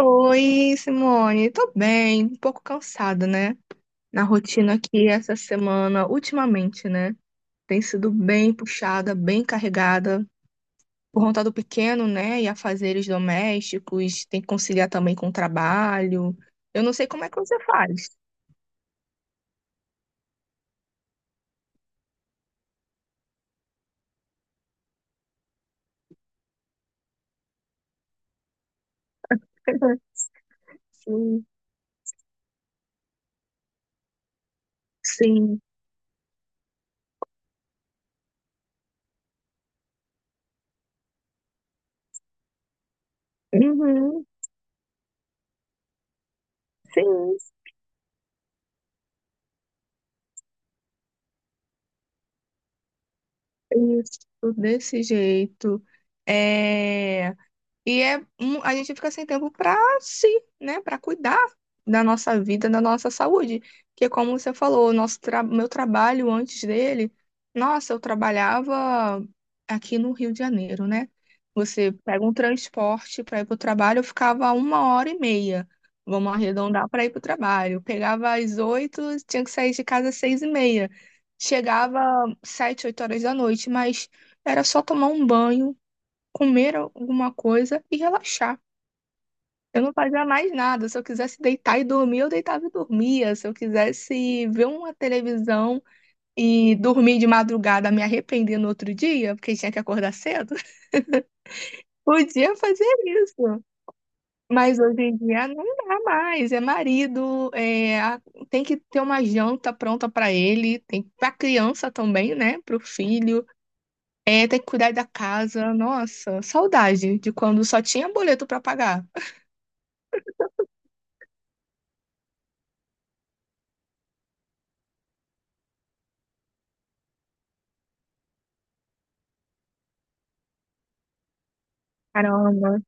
Oi, Simone. Tô bem, um pouco cansada, né? Na rotina aqui essa semana, ultimamente, né? Tem sido bem puxada, bem carregada. Por conta do pequeno, né? E afazeres domésticos, tem que conciliar também com o trabalho. Eu não sei como é que você faz. Sim, sim. Uhum, sim, isso, desse jeito. É... E é, a gente fica sem tempo para si, né? Para cuidar da nossa vida, da nossa saúde. Que é como você falou, o nosso tra meu trabalho antes dele, nossa, eu trabalhava aqui no Rio de Janeiro, né? Você pega um transporte para ir para o trabalho, eu ficava uma hora e meia. Vamos arredondar para ir para o trabalho. Eu pegava às 8h, tinha que sair de casa às 6h30. Chegava 7, 8 horas da noite, mas era só tomar um banho, comer alguma coisa e relaxar. Eu não fazia mais nada. Se eu quisesse deitar e dormir, eu deitava e dormia. Se eu quisesse ver uma televisão e dormir de madrugada, me arrepender no outro dia, porque tinha que acordar cedo, podia fazer isso. Mas hoje em dia não dá mais. É marido, é, tem que ter uma janta pronta para ele, tem para criança também, né? Para o filho. É, tem que cuidar da casa. Nossa, saudade de quando só tinha boleto para pagar. Caramba,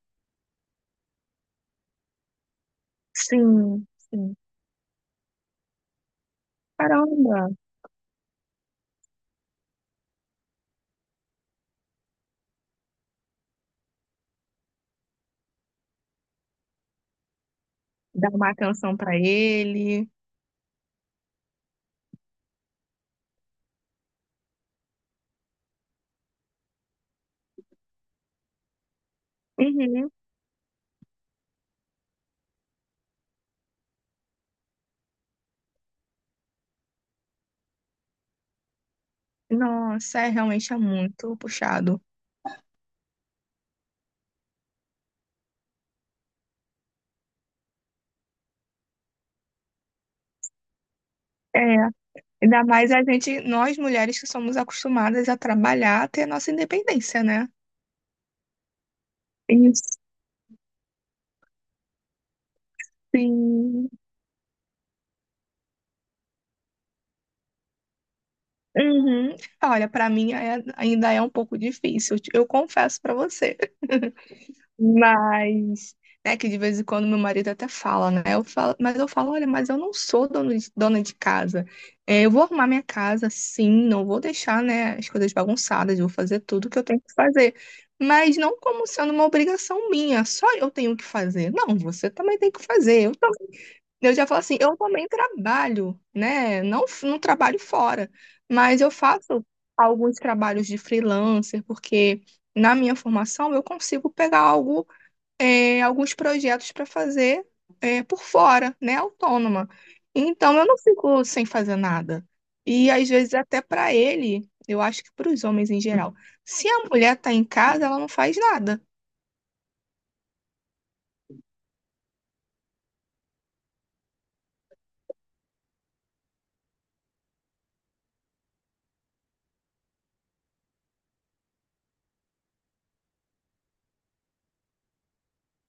sim, sim. Caramba, dar uma atenção pra ele. Uhum. Nossa, é, realmente é muito puxado. É, ainda mais a gente, nós mulheres que somos acostumadas a trabalhar, a ter nossa independência, né? Isso. Sim. Uhum. Olha, pra mim ainda é um pouco difícil, eu confesso pra você. Mas, né, que de vez em quando meu marido até fala, né? Eu falo, mas eu falo, olha, mas eu não sou dona de casa. É, eu vou arrumar minha casa, sim, não vou deixar, né, as coisas bagunçadas, vou fazer tudo que eu tenho que fazer. Mas não como sendo uma obrigação minha, só eu tenho que fazer. Não, você também tem que fazer. Eu já falo assim, eu também trabalho, né? Não, não trabalho fora, mas eu faço alguns trabalhos de freelancer, porque na minha formação eu consigo pegar algo, alguns projetos para fazer, por fora, né, autônoma. Então eu não fico sem fazer nada. E às vezes até para ele, eu acho que para os homens em geral, se a mulher está em casa, ela não faz nada.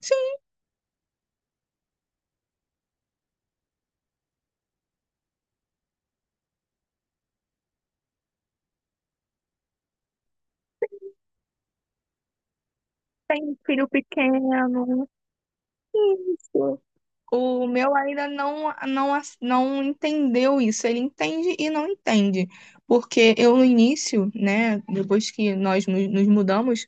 Sim, tem um filho pequeno, isso. O meu ainda não, não, não entendeu isso. Ele entende e não entende. Porque eu, no início, né, depois que nós nos mudamos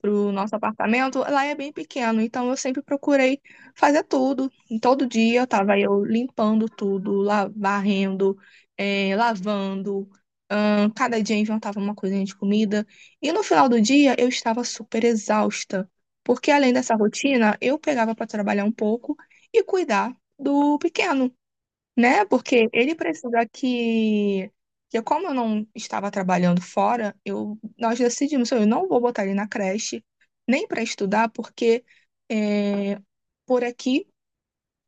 pro nosso apartamento, lá é bem pequeno, então eu sempre procurei fazer tudo. Todo dia eu estava eu limpando tudo, varrendo, lavando. Cada dia eu inventava uma coisinha de comida. E no final do dia eu estava super exausta, porque além dessa rotina, eu pegava para trabalhar um pouco e cuidar do pequeno. Né? Porque ele precisa que, como eu não estava trabalhando fora, eu, nós decidimos, eu não vou botar ele na creche, nem para estudar, porque é, por aqui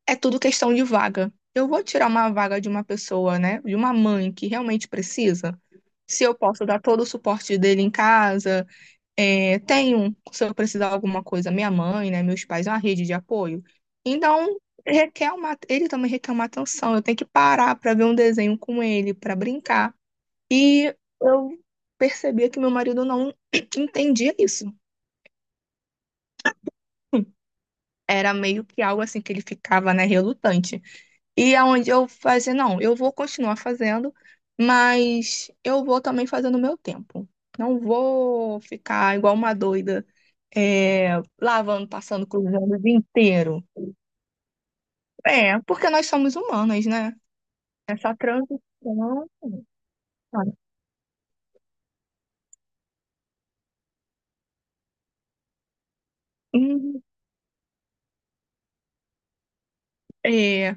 é tudo questão de vaga. Eu vou tirar uma vaga de uma pessoa, né? De uma mãe que realmente precisa, se eu posso dar todo o suporte dele em casa. É, tenho, se eu precisar de alguma coisa, minha mãe, né, meus pais, é uma rede de apoio. Então, requer uma, ele também requer uma atenção. Eu tenho que parar para ver um desenho com ele, para brincar. E eu percebia que meu marido não entendia isso. Era meio que algo assim que ele ficava, né, relutante. E aonde eu fazia, não, eu vou continuar fazendo, mas eu vou também fazendo o meu tempo. Não vou ficar igual uma doida, é, lavando, passando, cruzando o dia inteiro. É, porque nós somos humanas, né? Essa transição, sabe? Hum, é,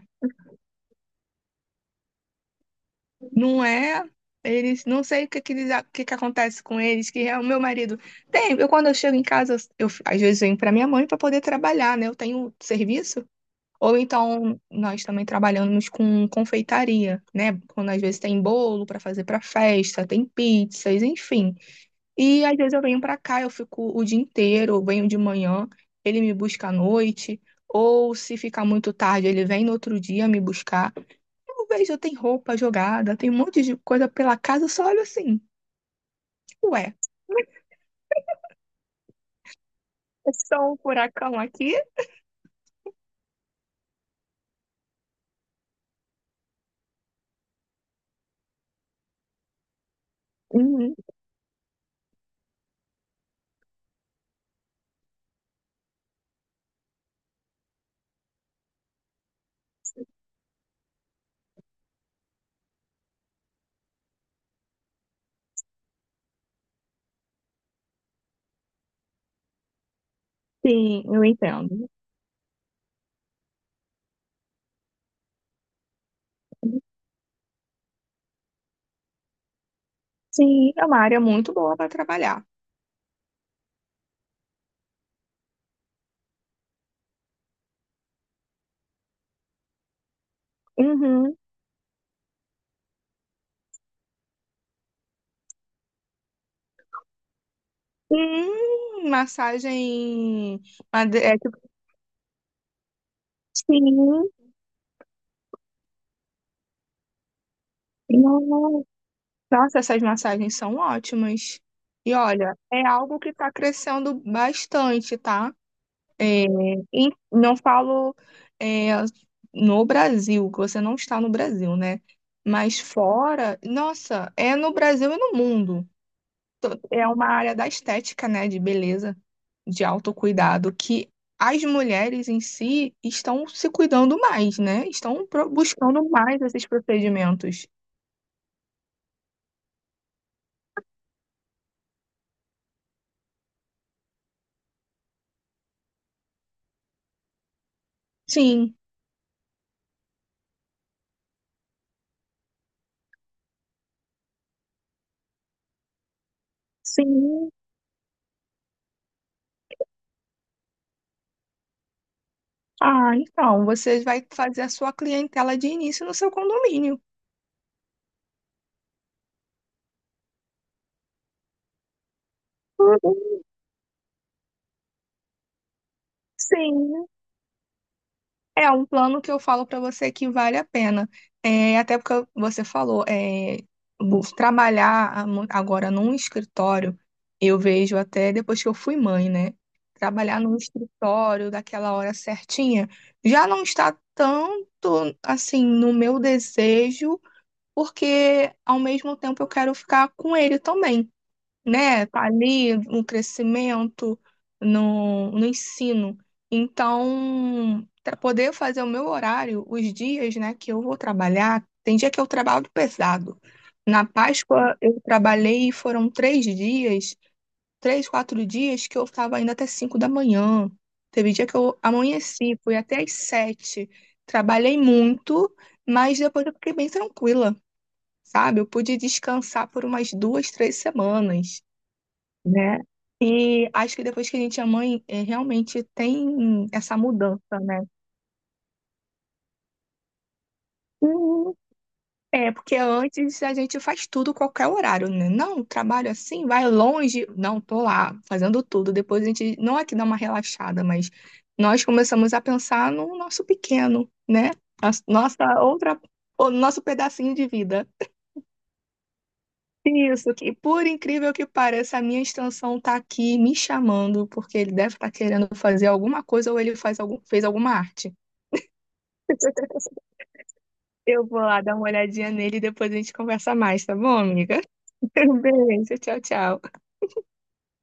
não é. Eles, não sei o eles, o que acontece com eles, que é o meu marido. Eu, quando eu chego em casa, às vezes eu venho para minha mãe para poder trabalhar, né? Eu tenho serviço. Ou então nós também trabalhamos com confeitaria, né? Quando às vezes tem bolo para fazer para festa, tem pizzas, enfim. E às vezes eu venho pra cá, eu fico o dia inteiro, eu venho de manhã, ele me busca à noite, ou se ficar muito tarde, ele vem no outro dia me buscar. Eu vejo, tem roupa jogada, tem um monte de coisa pela casa, eu só olho assim, ué, é só um furacão aqui? Uhum, sim, eu entendo. Sim, é uma área muito boa para trabalhar. Uhum. Massagem. É, tipo, sim. Nossa, essas massagens são ótimas. E olha, é algo que está crescendo bastante, tá? É, e não falo é, no Brasil, que você não está no Brasil, né? Mas fora, nossa, é no Brasil e no mundo. É uma área da estética, né? De beleza, de autocuidado, que as mulheres em si estão se cuidando mais, né? Estão buscando mais esses procedimentos. Sim, sim. Ah, então, você vai fazer a sua clientela de início no seu condomínio. Uhum. Sim, é um plano que eu falo para você que vale a pena. É, até porque você falou, é, trabalhar agora num escritório, eu vejo até depois que eu fui mãe, né? Trabalhar num escritório daquela hora certinha já não está tanto assim no meu desejo, porque ao mesmo tempo eu quero ficar com ele também. Né? Tá ali no crescimento, no ensino. Então, para poder fazer o meu horário, os dias, né, que eu vou trabalhar, tem dia que eu trabalho pesado. Na Páscoa eu trabalhei, foram 3 dias, 3, 4 dias, que eu estava ainda até 5 da manhã. Teve dia que eu amanheci, fui até às 7h. Trabalhei muito, mas depois eu fiquei bem tranquila, sabe? Eu pude descansar por umas 2, 3 semanas, né? E acho que depois que a gente é mãe, é, realmente tem essa mudança, né? Uhum. É, porque antes a gente faz tudo qualquer horário, né? Não, trabalho assim, vai longe. Não, tô lá fazendo tudo. Depois a gente, não é que dá uma relaxada, mas nós começamos a pensar no nosso pequeno, né? Nossa, outra, o nosso pedacinho de vida. Isso, que por incrível que pareça, a minha extensão tá aqui me chamando, porque ele deve estar querendo fazer alguma coisa, ou ele faz algum, fez alguma arte. Eu vou lá dar uma olhadinha nele e depois a gente conversa mais, tá bom, amiga? Beijo, tchau, tchau.